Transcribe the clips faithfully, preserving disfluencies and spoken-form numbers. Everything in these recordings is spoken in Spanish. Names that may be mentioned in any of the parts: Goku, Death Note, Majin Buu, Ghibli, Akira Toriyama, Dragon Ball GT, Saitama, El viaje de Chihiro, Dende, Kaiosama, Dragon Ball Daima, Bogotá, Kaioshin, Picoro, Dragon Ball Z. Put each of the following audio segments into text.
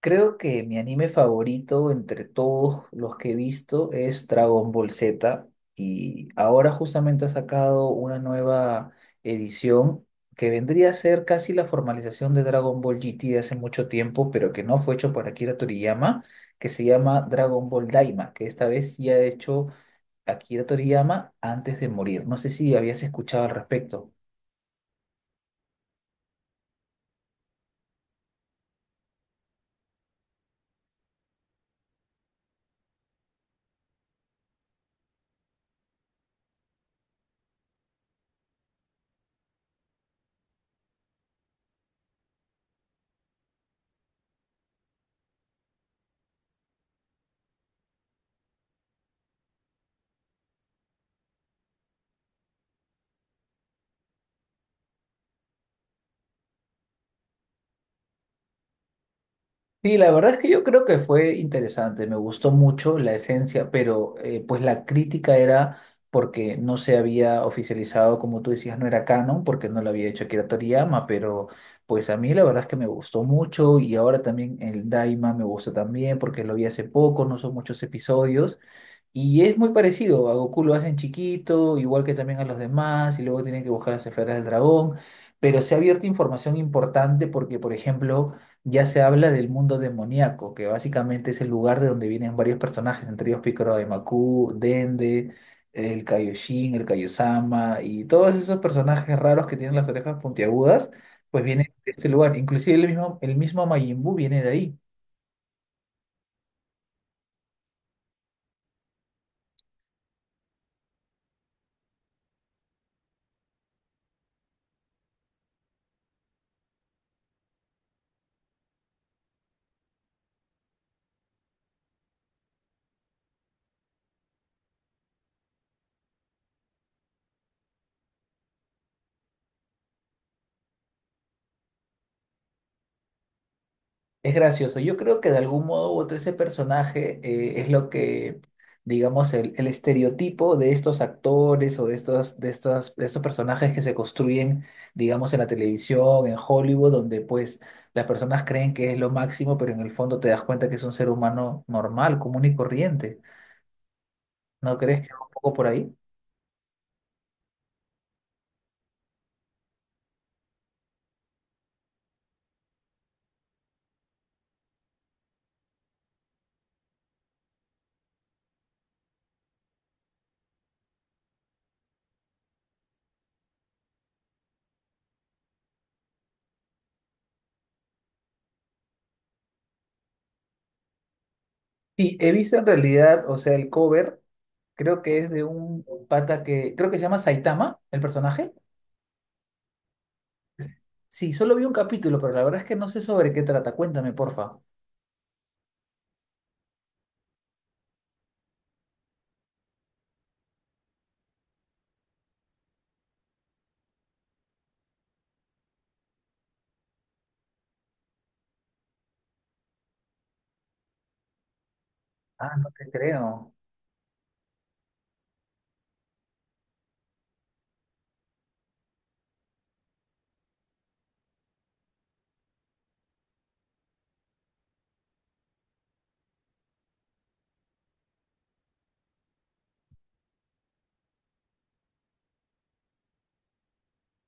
Creo que mi anime favorito entre todos los que he visto es Dragon Ball Z y ahora justamente ha sacado una nueva edición que vendría a ser casi la formalización de Dragon Ball G T de hace mucho tiempo, pero que no fue hecho por Akira Toriyama, que se llama Dragon Ball Daima, que esta vez sí ha hecho Akira Toriyama antes de morir. No sé si habías escuchado al respecto. Sí, la verdad es que yo creo que fue interesante, me gustó mucho la esencia, pero eh, pues la crítica era porque no se había oficializado, como tú decías, no era canon, porque no lo había hecho Akira Toriyama, pero pues a mí la verdad es que me gustó mucho y ahora también el Daima me gusta también porque lo vi hace poco, no son muchos episodios. Y es muy parecido, a Goku lo hacen chiquito, igual que también a los demás, y luego tienen que buscar las esferas del dragón, pero se ha abierto información importante porque, por ejemplo, ya se habla del mundo demoníaco, que básicamente es el lugar de donde vienen varios personajes, entre ellos Picoro de Macu, Dende, el Kaioshin, el Kaiosama, y todos esos personajes raros que tienen las orejas puntiagudas, pues vienen de este lugar. Inclusive el mismo, el mismo Majin Buu viene de ahí. Es gracioso. Yo creo que de algún modo u otro ese personaje eh, es lo que, digamos, el, el estereotipo de estos actores o de estos, de estas- de estos personajes que se construyen, digamos, en la televisión, en Hollywood, donde pues las personas creen que es lo máximo, pero en el fondo te das cuenta que es un ser humano normal, común y corriente. ¿No crees que va un poco por ahí? Sí, he visto en realidad, o sea, el cover, creo que es de un pata que, creo que se llama Saitama, el personaje. Sí, solo vi un capítulo, pero la verdad es que no sé sobre qué trata. Cuéntame, porfa. Ah, no te creo.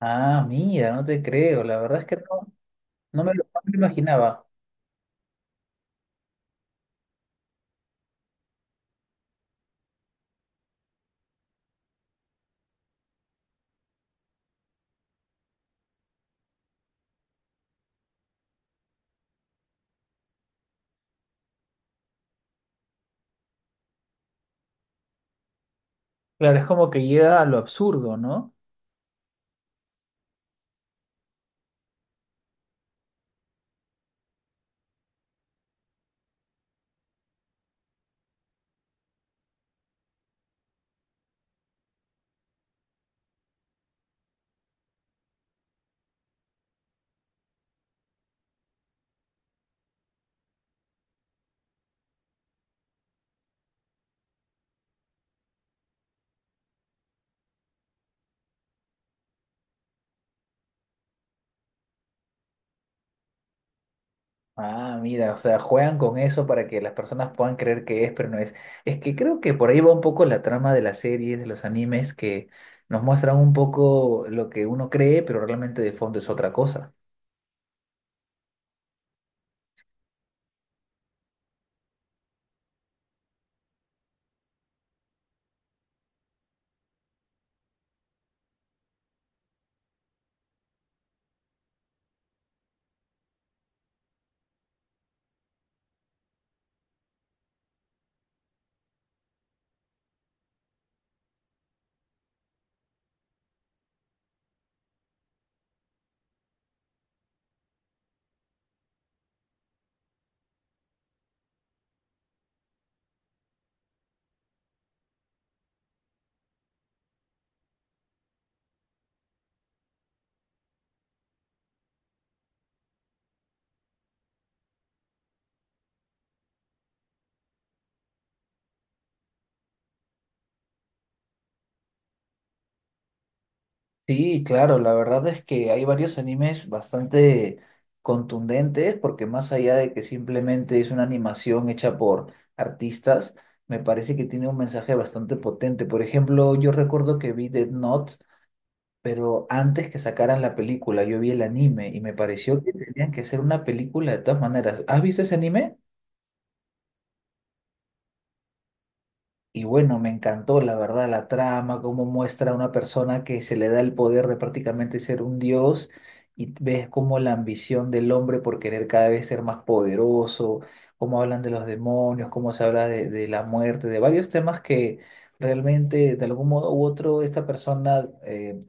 Ah, mira, no te creo. La verdad es que no, no me lo, no me lo imaginaba. Claro, es como que llega a lo absurdo, ¿no? Ah, mira, o sea, juegan con eso para que las personas puedan creer que es, pero no es. Es que creo que por ahí va un poco la trama de las series, de los animes, que nos muestran un poco lo que uno cree, pero realmente de fondo es otra cosa. Sí, claro, la verdad es que hay varios animes bastante contundentes, porque más allá de que simplemente es una animación hecha por artistas, me parece que tiene un mensaje bastante potente. Por ejemplo, yo recuerdo que vi Death Note, pero antes que sacaran la película, yo vi el anime y me pareció que tenían que hacer una película de todas maneras. ¿Has visto ese anime? Y bueno, me encantó la verdad la trama, cómo muestra a una persona que se le da el poder de prácticamente ser un dios y ves cómo la ambición del hombre por querer cada vez ser más poderoso, cómo hablan de los demonios, cómo se habla de, de la muerte, de varios temas que realmente de algún modo u otro esta persona eh,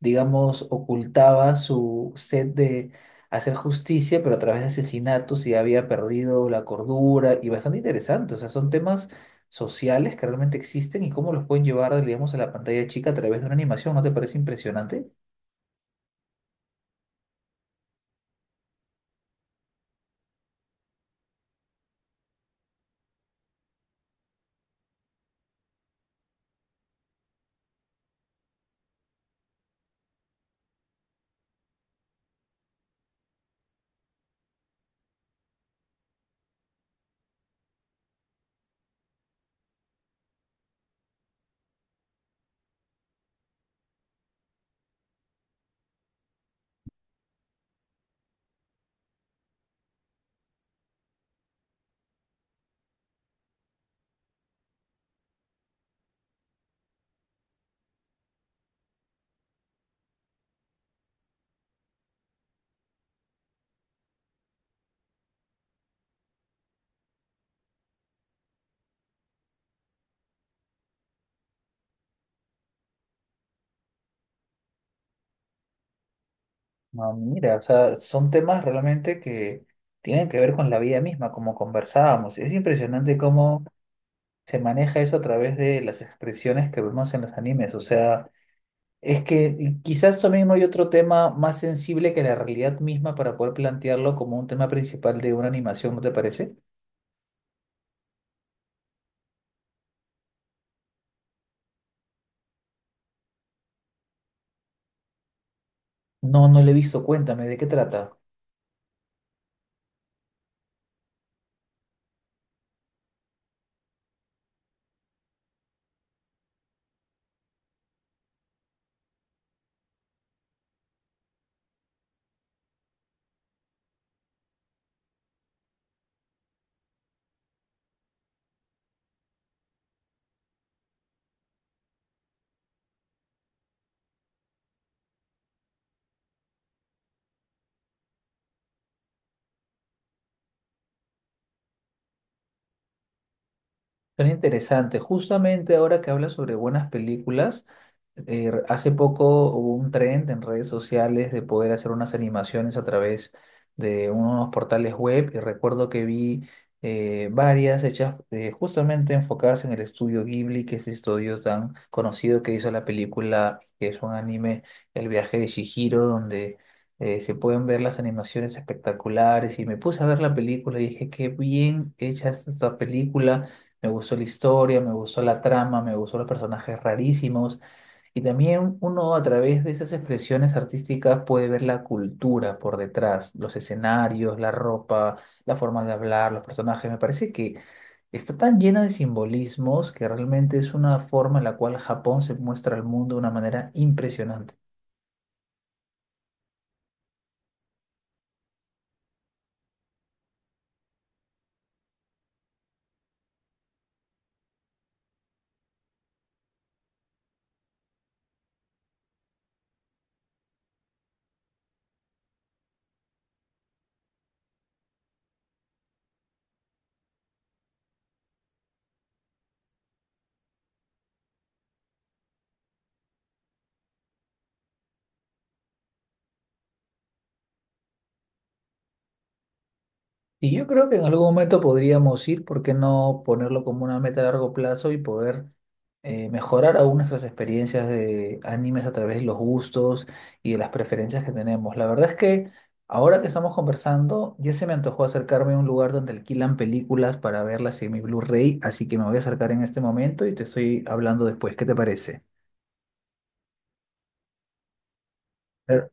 digamos, ocultaba su sed de hacer justicia, pero a través de asesinatos y había perdido la cordura y bastante interesante. O sea, son temas sociales que realmente existen y cómo los pueden llevar, digamos, a la pantalla chica a través de una animación. ¿No te parece impresionante? No, mira, o sea, son temas realmente que tienen que ver con la vida misma, como conversábamos. Es impresionante cómo se maneja eso a través de las expresiones que vemos en los animes. O sea, es que quizás eso mismo hay otro tema más sensible que la realidad misma para poder plantearlo como un tema principal de una animación, ¿no te parece? No, no le he visto. Cuéntame, ¿de qué trata? Suena interesante. Justamente ahora que hablas sobre buenas películas, eh, hace poco hubo un trend en redes sociales de poder hacer unas animaciones a través de unos portales web y recuerdo que vi eh, varias hechas eh, justamente enfocadas en el estudio Ghibli, que es el estudio tan conocido que hizo la película, que es un anime, El viaje de Chihiro, donde eh, se pueden ver las animaciones espectaculares y me puse a ver la película y dije, qué bien hecha es esta película, me gustó la historia, me gustó la trama, me gustó los personajes rarísimos y también uno a través de esas expresiones artísticas puede ver la cultura por detrás, los escenarios, la ropa, la forma de hablar, los personajes. Me parece que está tan llena de simbolismos que realmente es una forma en la cual Japón se muestra al mundo de una manera impresionante. Y yo creo que en algún momento podríamos ir, ¿por qué no ponerlo como una meta a largo plazo y poder eh, mejorar aún nuestras experiencias de animes a través de los gustos y de las preferencias que tenemos? La verdad es que ahora que estamos conversando, ya se me antojó acercarme a un lugar donde alquilan películas para verlas en mi Blu-ray, así que me voy a acercar en este momento y te estoy hablando después. ¿Qué te parece? Claro.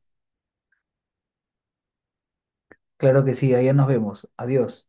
Claro que sí, allá nos vemos. Adiós.